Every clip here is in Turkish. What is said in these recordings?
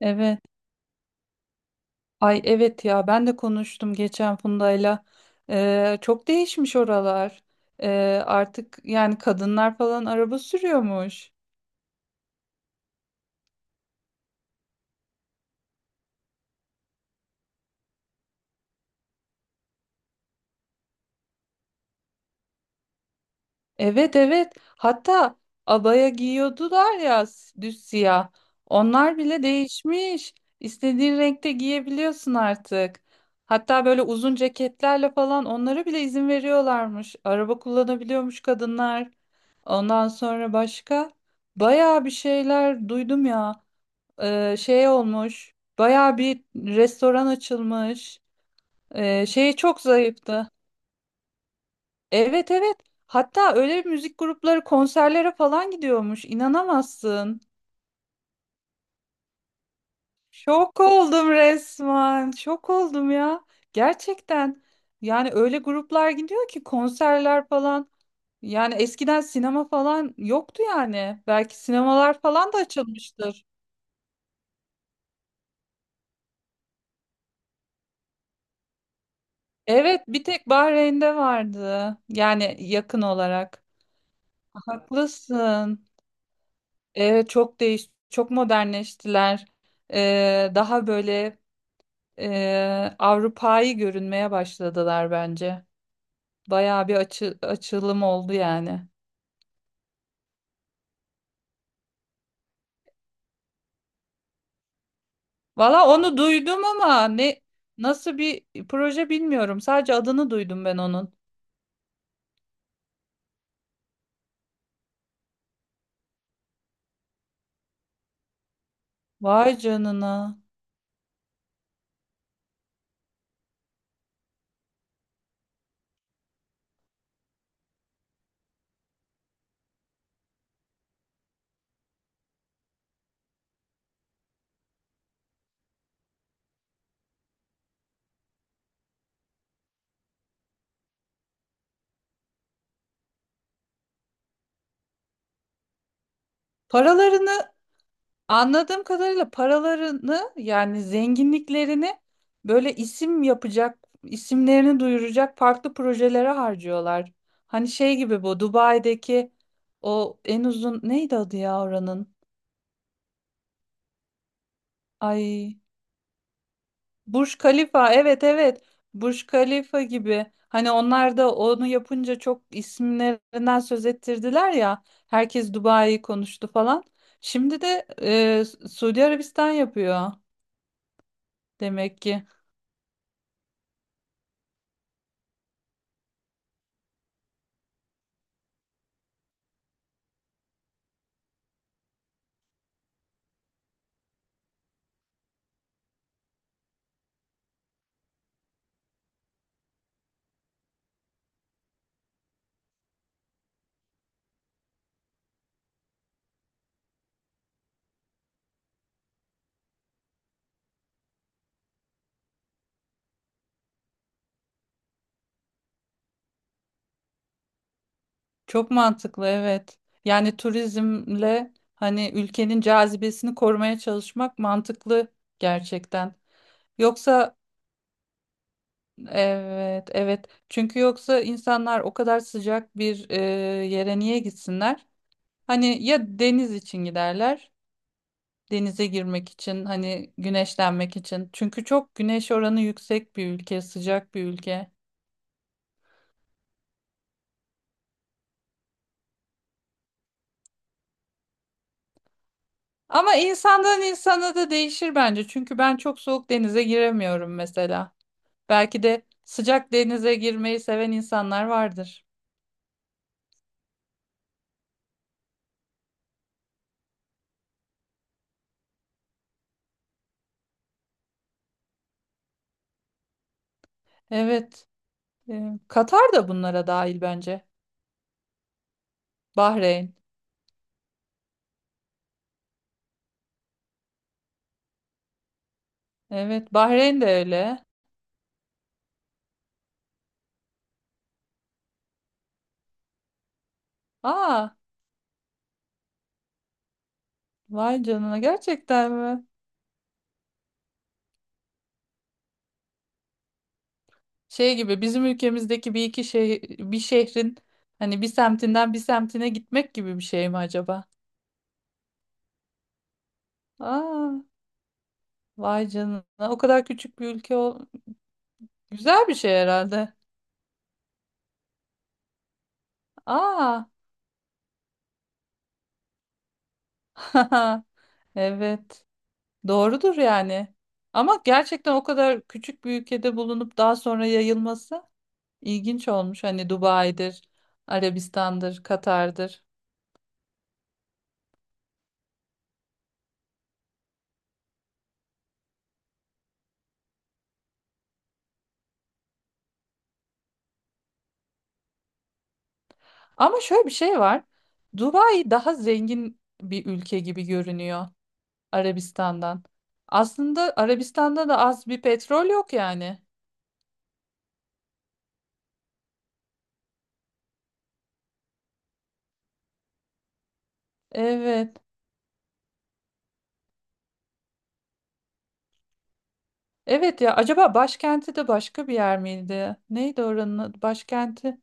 Evet. Ay evet ya ben de konuştum geçen Funda'yla. Çok değişmiş oralar. Artık yani kadınlar falan araba sürüyormuş. Evet evet. Hatta abaya giyiyordular ya düz siyah. Onlar bile değişmiş. İstediğin renkte giyebiliyorsun artık. Hatta böyle uzun ceketlerle falan onlara bile izin veriyorlarmış. Araba kullanabiliyormuş kadınlar. Ondan sonra başka bayağı bir şeyler duydum ya. Şey olmuş. Baya bir restoran açılmış. Şey çok zayıftı. Evet evet. Hatta öyle müzik grupları konserlere falan gidiyormuş. İnanamazsın. Şok oldum resmen. Şok oldum ya. Gerçekten. Yani öyle gruplar gidiyor ki konserler falan. Yani eskiden sinema falan yoktu yani. Belki sinemalar falan da açılmıştır. Evet, bir tek Bahreyn'de vardı. Yani yakın olarak. Haklısın. Evet çok çok modernleştiler. Daha böyle Avrupa'yı görünmeye başladılar bence. Bayağı bir açılım oldu yani. Valla onu duydum ama nasıl bir proje bilmiyorum. Sadece adını duydum ben onun. Vay canına. Paralarını. Anladığım kadarıyla paralarını yani zenginliklerini böyle isim yapacak, isimlerini duyuracak farklı projelere harcıyorlar. Hani şey gibi bu Dubai'deki o en uzun neydi adı ya oranın? Ay Burj Khalifa evet evet Burj Khalifa gibi. Hani onlar da onu yapınca çok isimlerinden söz ettirdiler ya. Herkes Dubai'yi konuştu falan. Şimdi de Suudi Arabistan yapıyor demek ki. Çok mantıklı evet. Yani turizmle hani ülkenin cazibesini korumaya çalışmak mantıklı gerçekten. Yoksa evet evet. Çünkü yoksa insanlar o kadar sıcak bir yere niye gitsinler? Hani ya deniz için giderler. Denize girmek için hani güneşlenmek için. Çünkü çok güneş oranı yüksek bir ülke, sıcak bir ülke. Ama insandan insana da değişir bence. Çünkü ben çok soğuk denize giremiyorum mesela. Belki de sıcak denize girmeyi seven insanlar vardır. Evet. Katar da bunlara dahil bence. Bahreyn. Evet, Bahreyn de öyle. Aa, vay canına gerçekten mi? Şey gibi bizim ülkemizdeki bir iki şey bir şehrin hani bir semtinden bir semtine gitmek gibi bir şey mi acaba? Aa, vay canına. O kadar küçük bir ülke ol. Güzel bir şey herhalde. Aa. Evet. Doğrudur yani. Ama gerçekten o kadar küçük bir ülkede bulunup daha sonra yayılması ilginç olmuş. Hani Dubai'dir, Arabistan'dır, Katar'dır. Ama şöyle bir şey var. Dubai daha zengin bir ülke gibi görünüyor Arabistan'dan. Aslında Arabistan'da da az bir petrol yok yani. Evet. Evet ya acaba başkenti de başka bir yer miydi? Neydi oranın adı, başkenti?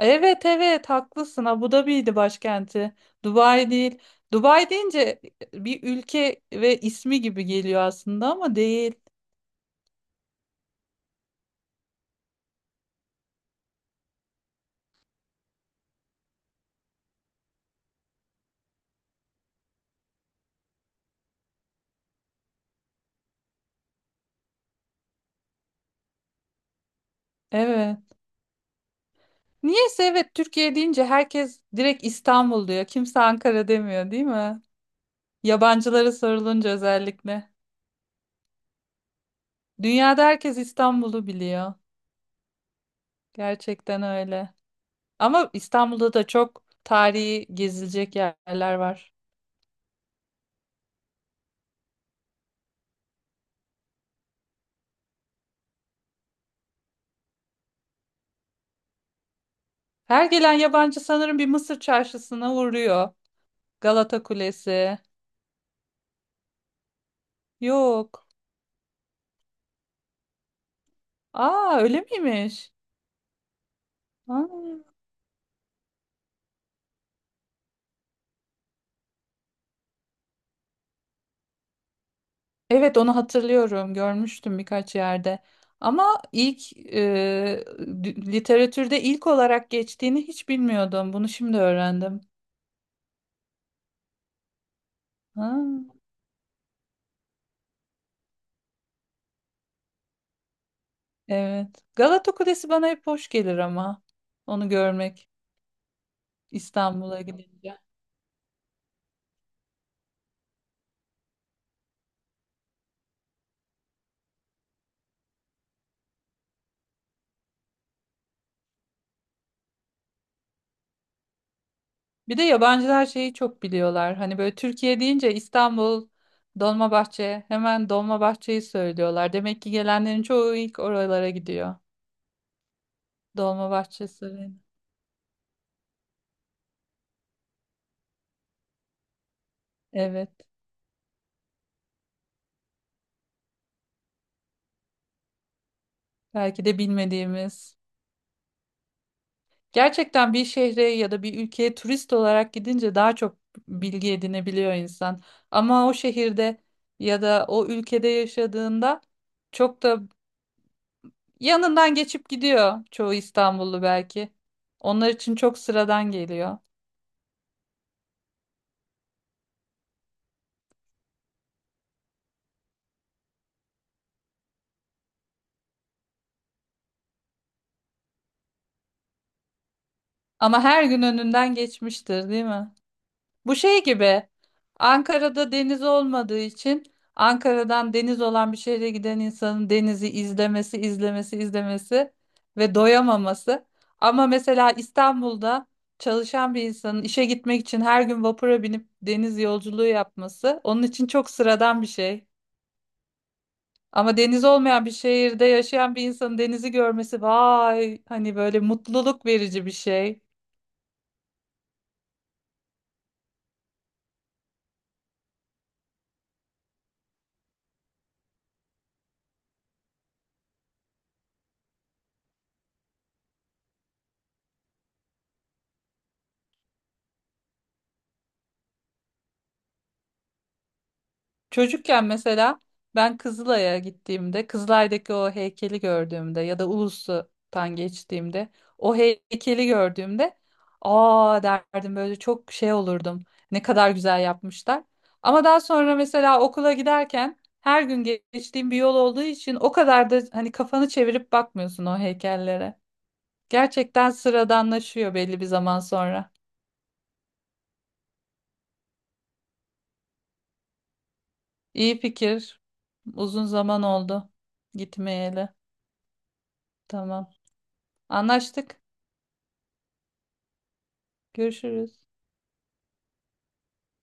Evet evet haklısın. Abu Dhabi'ydi başkenti. Dubai değil. Dubai deyince bir ülke ve ismi gibi geliyor aslında ama değil. Evet. Niyeyse evet Türkiye deyince herkes direkt İstanbul diyor. Kimse Ankara demiyor değil mi? Yabancılara sorulunca özellikle. Dünyada herkes İstanbul'u biliyor. Gerçekten öyle. Ama İstanbul'da da çok tarihi gezilecek yerler var. Her gelen yabancı sanırım bir Mısır çarşısına uğruyor. Galata Kulesi. Yok. Aa öyle miymiş? Aa. Evet onu hatırlıyorum. Görmüştüm birkaç yerde. Ama ilk literatürde ilk olarak geçtiğini hiç bilmiyordum. Bunu şimdi öğrendim. Ha, evet. Galata Kulesi bana hep hoş gelir ama onu görmek İstanbul'a gidince. Bir de yabancılar şeyi çok biliyorlar. Hani böyle Türkiye deyince İstanbul, Dolmabahçe, hemen Dolmabahçe'yi söylüyorlar. Demek ki gelenlerin çoğu ilk oralara gidiyor. Dolmabahçe Sarayı. Evet. Belki de bilmediğimiz. Gerçekten bir şehre ya da bir ülkeye turist olarak gidince daha çok bilgi edinebiliyor insan. Ama o şehirde ya da o ülkede yaşadığında çok da yanından geçip gidiyor çoğu İstanbullu belki. Onlar için çok sıradan geliyor. Ama her gün önünden geçmiştir, değil mi? Bu şey gibi Ankara'da deniz olmadığı için Ankara'dan deniz olan bir şehre giden insanın denizi izlemesi, izlemesi, izlemesi ve doyamaması. Ama mesela İstanbul'da çalışan bir insanın işe gitmek için her gün vapura binip deniz yolculuğu yapması onun için çok sıradan bir şey. Ama deniz olmayan bir şehirde yaşayan bir insanın denizi görmesi vay hani böyle mutluluk verici bir şey. Çocukken mesela ben Kızılay'a gittiğimde, Kızılay'daki o heykeli gördüğümde ya da Ulus'tan geçtiğimde o heykeli gördüğümde aa derdim böyle çok şey olurdum. Ne kadar güzel yapmışlar. Ama daha sonra mesela okula giderken her gün geçtiğim bir yol olduğu için o kadar da hani kafanı çevirip bakmıyorsun o heykellere. Gerçekten sıradanlaşıyor belli bir zaman sonra. İyi fikir. Uzun zaman oldu gitmeyeli. Tamam. Anlaştık. Görüşürüz.